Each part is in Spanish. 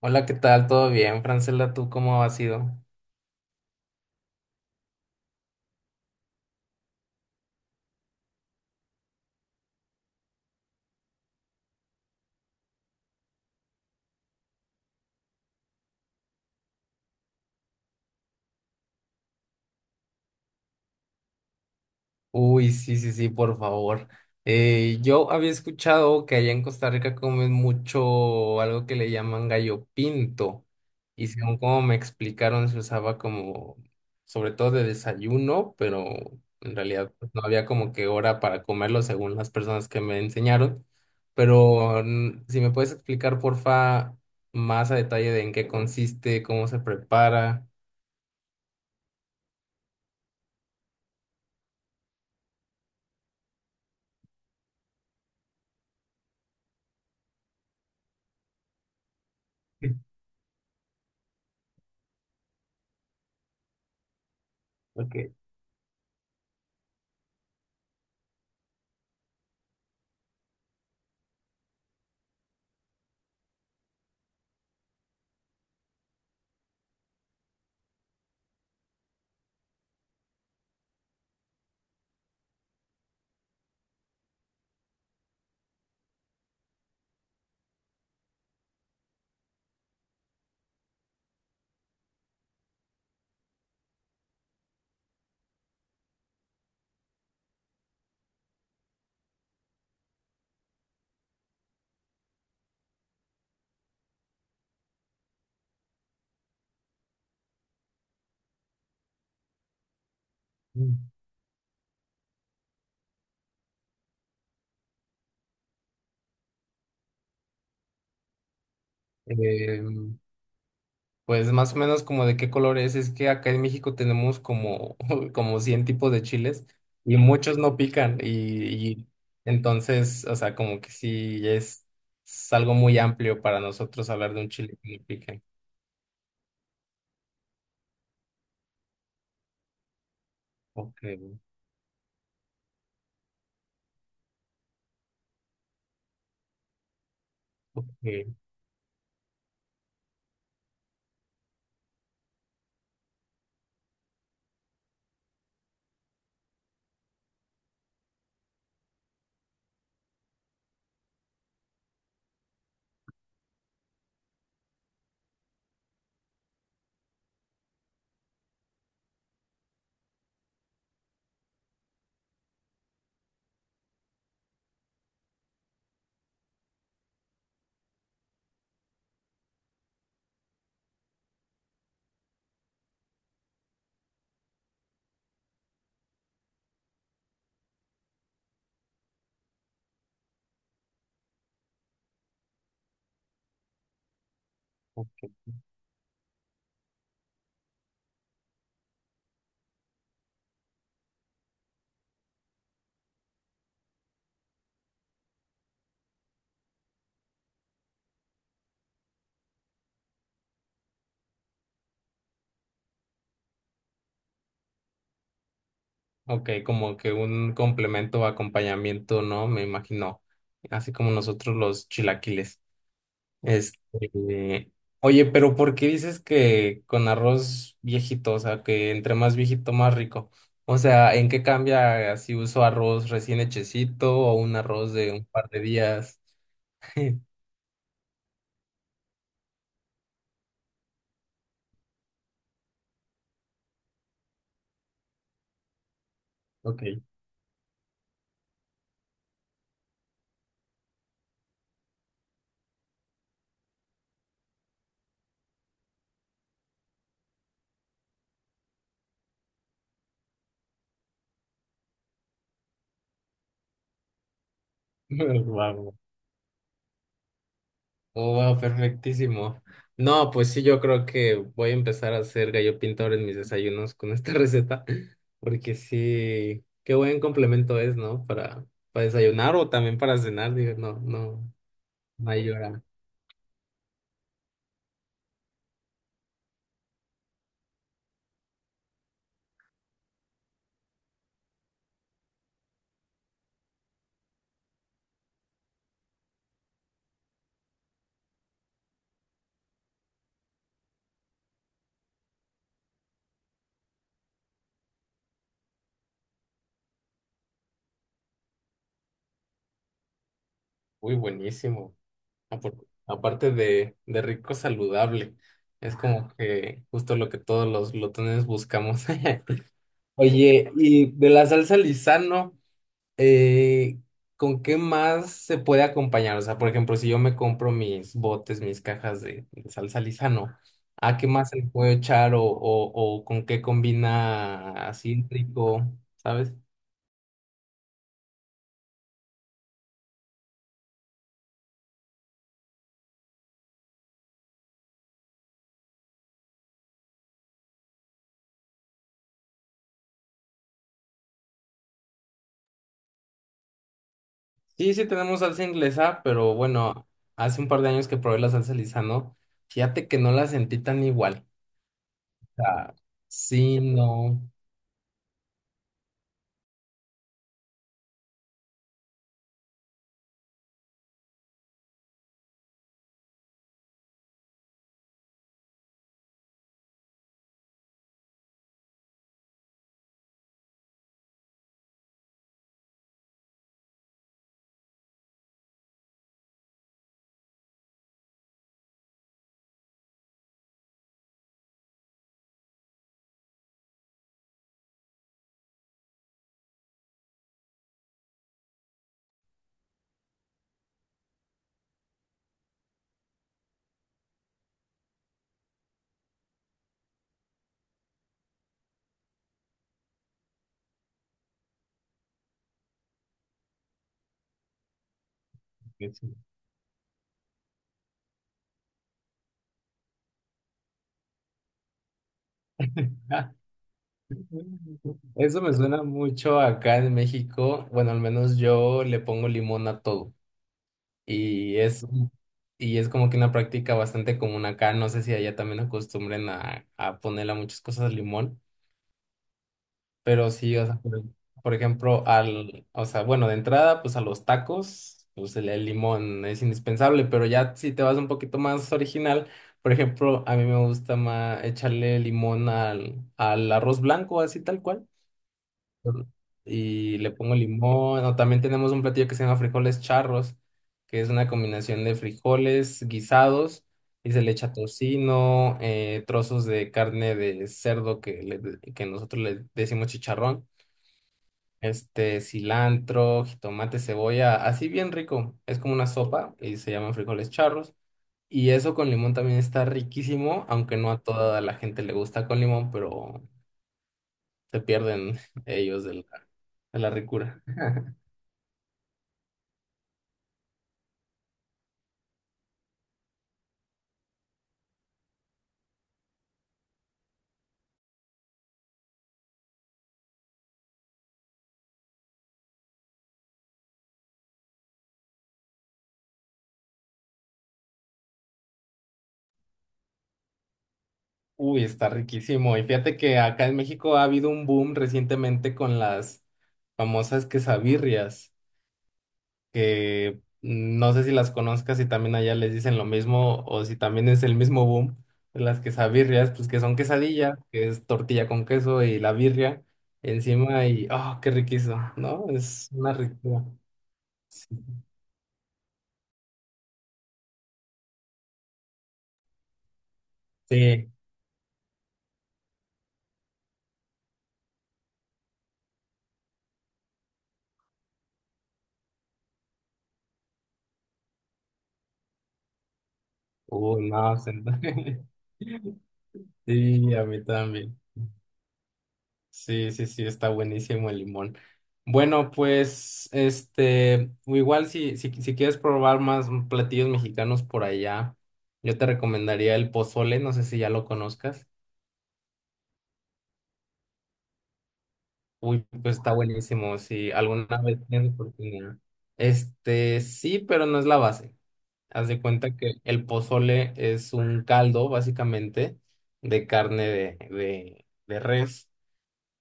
Hola, ¿qué tal? ¿Todo bien, Francela? ¿Tú cómo has ido? Uy, sí, sí, sí, por favor. Yo había escuchado que allá en Costa Rica comen mucho algo que le llaman gallo pinto. Y según como me explicaron, se usaba como, sobre todo de desayuno, pero en realidad pues, no había como que hora para comerlo según las personas que me enseñaron. Pero si me puedes explicar, porfa, más a detalle de en qué consiste, cómo se prepara. Ok. Eh, pues más o menos como de qué color es que acá en México tenemos como, como 100 tipos de chiles y muchos no pican y, entonces, o sea, como que sí es algo muy amplio para nosotros hablar de un chile que no pique. Ok, ok, o- ok, como que un complemento o acompañamiento, ¿no? Me imagino, así como nosotros los chilaquiles. Este, Oye, pero ¿por qué dices que con arroz viejito, o sea, que entre más viejito más rico? O sea, ¿en qué cambia si uso arroz recién hechecito o un arroz de un par de días? Ok. Wow. Wow, perfectísimo. No, pues sí, yo creo que voy a empezar a hacer gallo pintor en mis desayunos con esta receta, porque sí, qué buen complemento es, ¿no? Para desayunar o también para cenar, digo, no, no, no hay hora. Uy, buenísimo. Apar- Aparte de, rico, saludable. Es como que justo lo que todos los glotones buscamos. Oye, y de la salsa Lizano, eh, ¿con qué más se puede acompañar? O sea, por ejemplo, si yo me compro mis botes, mis cajas de salsa Lizano, ¿a qué más se le puede echar o con qué combina así rico? ¿Sabes? Sí, sí tenemos salsa inglesa, pero bueno, hace un par de años que probé la salsa Lizano, fíjate que no la sentí tan igual. O sea, sí, no. Que sí. Eso me suena mucho acá en México. Bueno, al menos yo le pongo limón a todo. Y es, y es como que una práctica bastante común acá. No sé si allá también acostumbren a, ponerle a muchas cosas limón. Pero sí, o sea, por, ejemplo, o sea, bueno, de entrada, pues a los tacos, pues el limón es indispensable, pero ya si te vas un poquito más original, por ejemplo, a mí me gusta más echarle limón al arroz blanco, así tal cual, Ujú. Y le pongo limón, o también tenemos un platillo que se llama frijoles charros, que es una combinación de frijoles guisados, y se le echa tocino, trozos de carne de cerdo que nosotros le decimos chicharrón, cilantro, jitomate, cebolla, así bien rico. Es como una sopa y se llaman frijoles charros. Y eso con limón también está riquísimo, aunque no a toda la gente le gusta con limón, pero se pierden ellos de la ricura. Uy, está riquísimo. Y fíjate que acá en México ha habido un boom recientemente con las famosas quesabirrias, que no sé si las conozcas, si también allá les dicen lo mismo o si también es el mismo boom, las quesabirrias, pues que son quesadilla, que es tortilla con queso y la birria encima y, oh, qué riquísimo, ¿no? Es una riqueza. Sí. Uy, no, sí, a mí también. Sí, sí, sí, está buenísimo el limón. Bueno, pues, o igual si quieres probar más platillos mexicanos por allá, yo te recomendaría el pozole, no sé si ya lo conozcas. Uy, pues está buenísimo, si alguna vez tienes oportunidad. Sí, pero no es la base. Haz de cuenta que el pozole es un caldo, básicamente, de carne de, de res.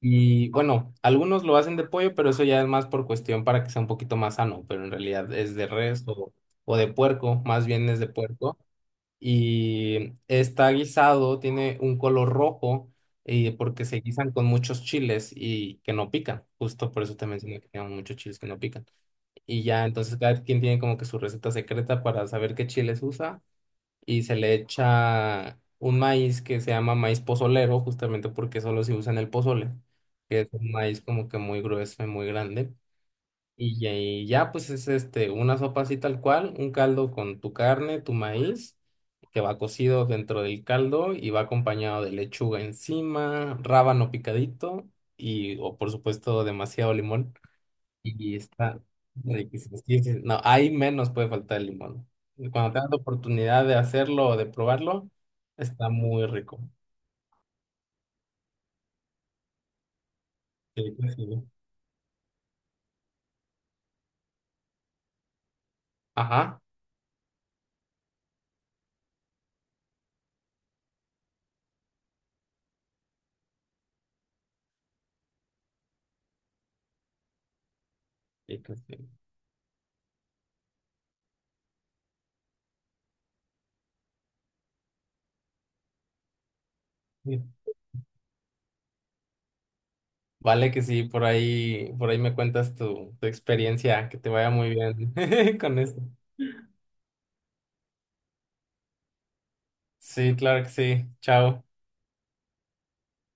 Y bueno, algunos lo hacen de pollo, pero eso ya es más por cuestión para que sea un poquito más sano, pero en realidad es de res o de puerco, más bien es de puerco. Y está guisado, tiene un color rojo, y porque se guisan con muchos chiles y que no pican. Justo por eso te mencioné que tienen muchos chiles que no pican. Y ya entonces cada quien tiene como que su receta secreta para saber qué chiles usa y se le echa un maíz que se llama maíz pozolero, justamente porque solo se usa en el pozole, que es un maíz como que muy grueso y muy grande. Y ya, pues es una sopa así tal cual, un caldo con tu carne, tu maíz, que va cocido dentro del caldo y va acompañado de lechuga encima, rábano picadito y, o por supuesto, demasiado limón. Y está riquísimo. Sí, sí, no, ahí menos puede faltar el limón. Cuando tengas la oportunidad de hacerlo o de probarlo, está muy rico. Sí, que sí. Ajá. Sí, que sí. Sí. Vale que sí, por ahí me cuentas tu experiencia, que te vaya muy bien con esto. Sí, claro que sí. Chao.